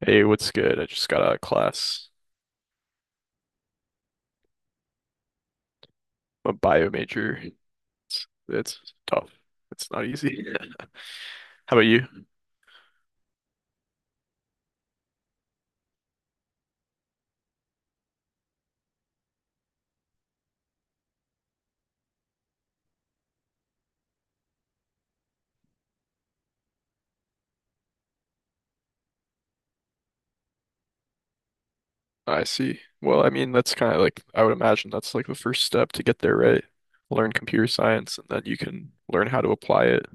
Hey, what's good? I just got out of class. I'm a bio major. It's tough. It's not easy. How about you? I see. Well, I mean, that's kind of like, I would imagine that's like the first step to get there, right? Learn computer science and then you can learn how to apply it.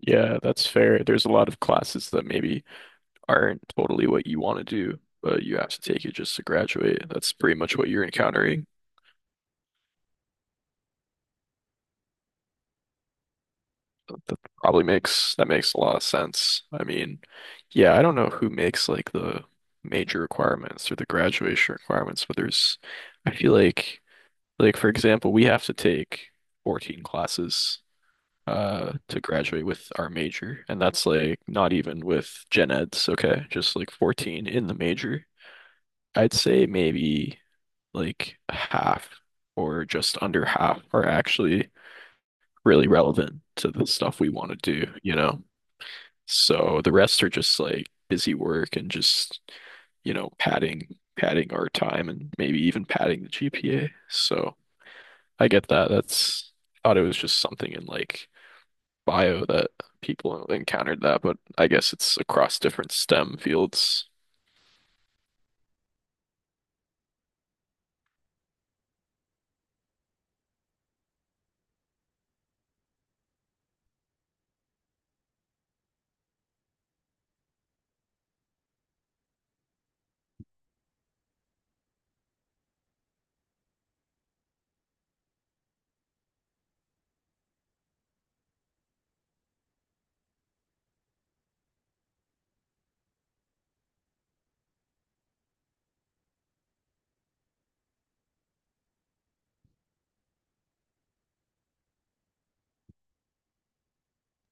Yeah, that's fair. There's a lot of classes that maybe aren't totally what you want to do, but you have to take it just to graduate. That's pretty much what you're encountering. That probably makes that makes a lot of sense. I mean, yeah, I don't know who makes like the major requirements or the graduation requirements, but there's I feel like for example, we have to take 14 classes to graduate with our major, and that's like not even with gen eds, okay? Just like 14 in the major. I'd say maybe like half or just under half are actually really relevant to the stuff we want to do, you know? So the rest are just like busy work and just, you know, padding our time and maybe even padding the GPA. So I get that. That's thought it was just something in like bio that people encountered that, but I guess it's across different STEM fields.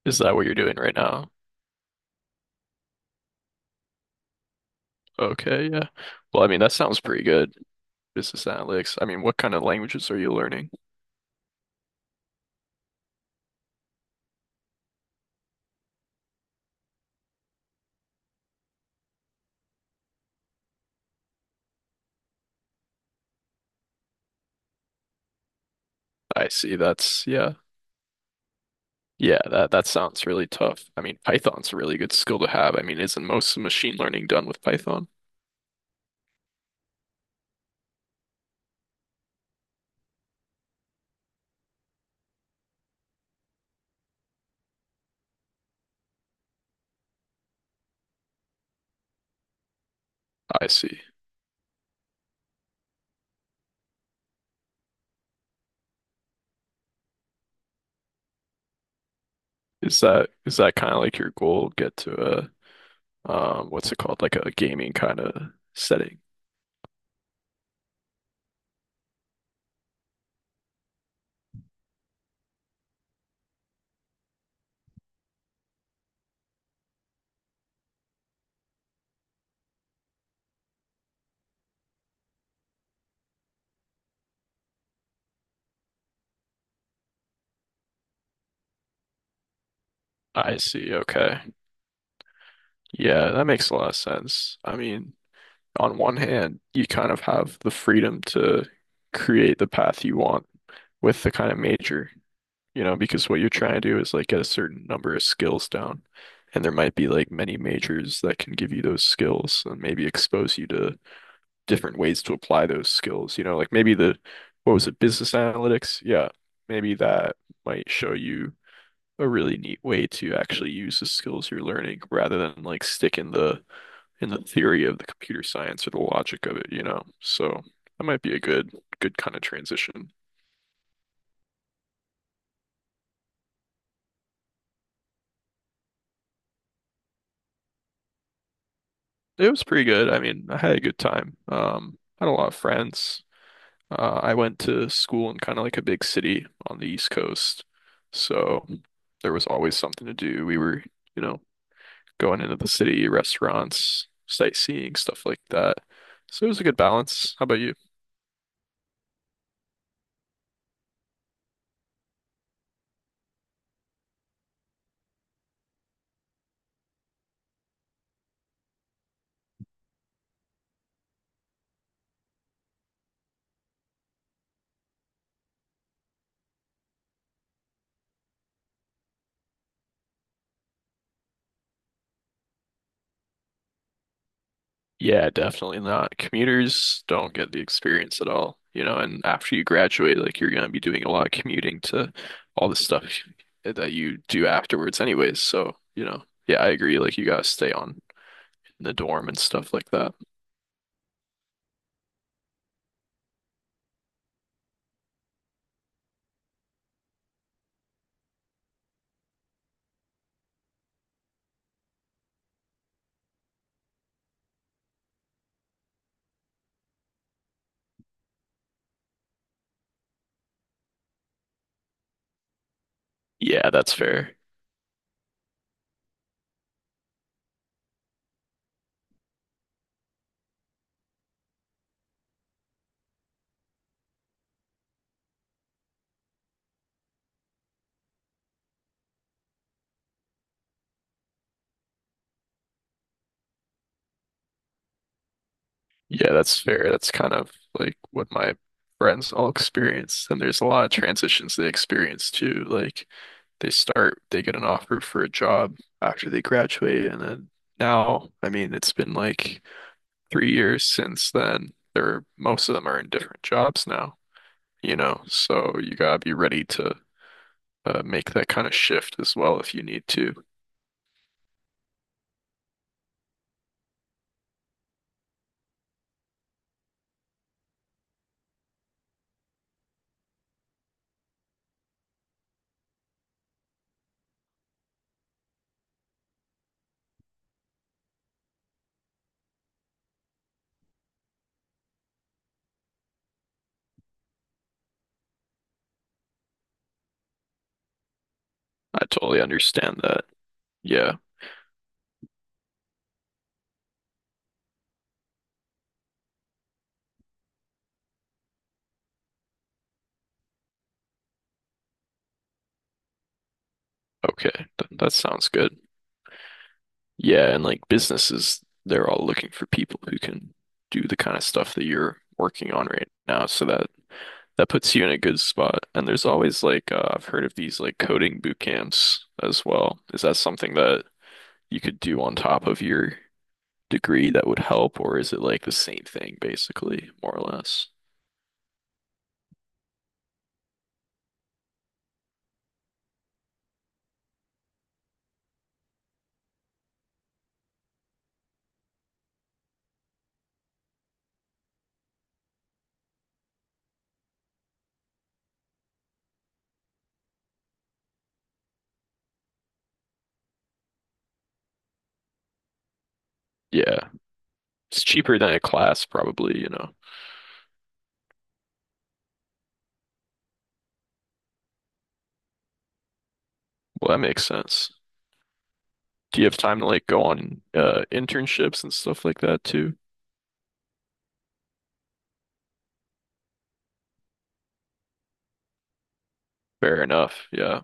Is that what you're doing right now? Okay, yeah. Well, I mean, that sounds pretty good. Business analytics. I mean, what kind of languages are you learning? I see. That's yeah. Yeah, that sounds really tough. I mean, Python's a really good skill to have. I mean, isn't most of machine learning done with Python? I see. Is that kind of like your goal? Get to a what's it called? Like a gaming kind of setting. I see. Okay. Yeah, that makes a lot of sense. I mean, on one hand, you kind of have the freedom to create the path you want with the kind of major. You know, because what you're trying to do is like get a certain number of skills down. And there might be like many majors that can give you those skills and maybe expose you to different ways to apply those skills. You know, like maybe what was it, business analytics? Yeah, maybe that might show you a really neat way to actually use the skills you're learning rather than like stick in the theory of the computer science or the logic of it, you know. So that might be a good kind of transition. It was pretty good. I mean, I had a good time. Had a lot of friends. I went to school in kind of like a big city on the East Coast, so there was always something to do. We were, you know, going into the city, restaurants, sightseeing, stuff like that. So it was a good balance. How about you? Yeah, definitely not. Commuters don't get the experience at all, you know, and after you graduate, like you're gonna be doing a lot of commuting to all the stuff that you do afterwards anyways. So, you know, yeah, I agree. Like you gotta stay on in the dorm and stuff like that. Yeah, that's fair. Yeah, that's fair. That's kind of like what my friends all experience. And there's a lot of transitions they experience too. Like they get an offer for a job after they graduate, and then now, I mean, it's been like 3 years since then, they're most of them are in different jobs now, you know, so you gotta be ready to make that kind of shift as well if you need to. I totally understand that. Yeah. Okay. Th that sounds good. Yeah, and like businesses, they're all looking for people who can do the kind of stuff that you're working on right now so that puts you in a good spot. And there's always like I've heard of these like coding boot camps as well. Is that something that you could do on top of your degree that would help, or is it like the same thing basically, more or less? Yeah. It's cheaper than a class probably, you know. Well, that makes sense. Do you have time to like go on internships and stuff like that too? Fair enough. Yeah.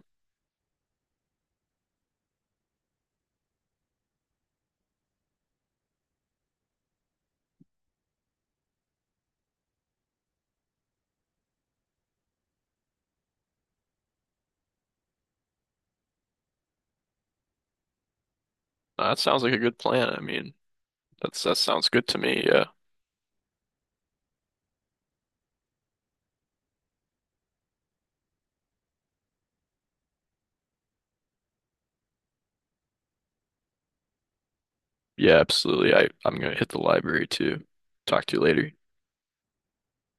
Nah, that sounds like a good plan. I mean, that sounds good to me. Yeah. Yeah, absolutely. I'm gonna hit the library too. Talk to you later.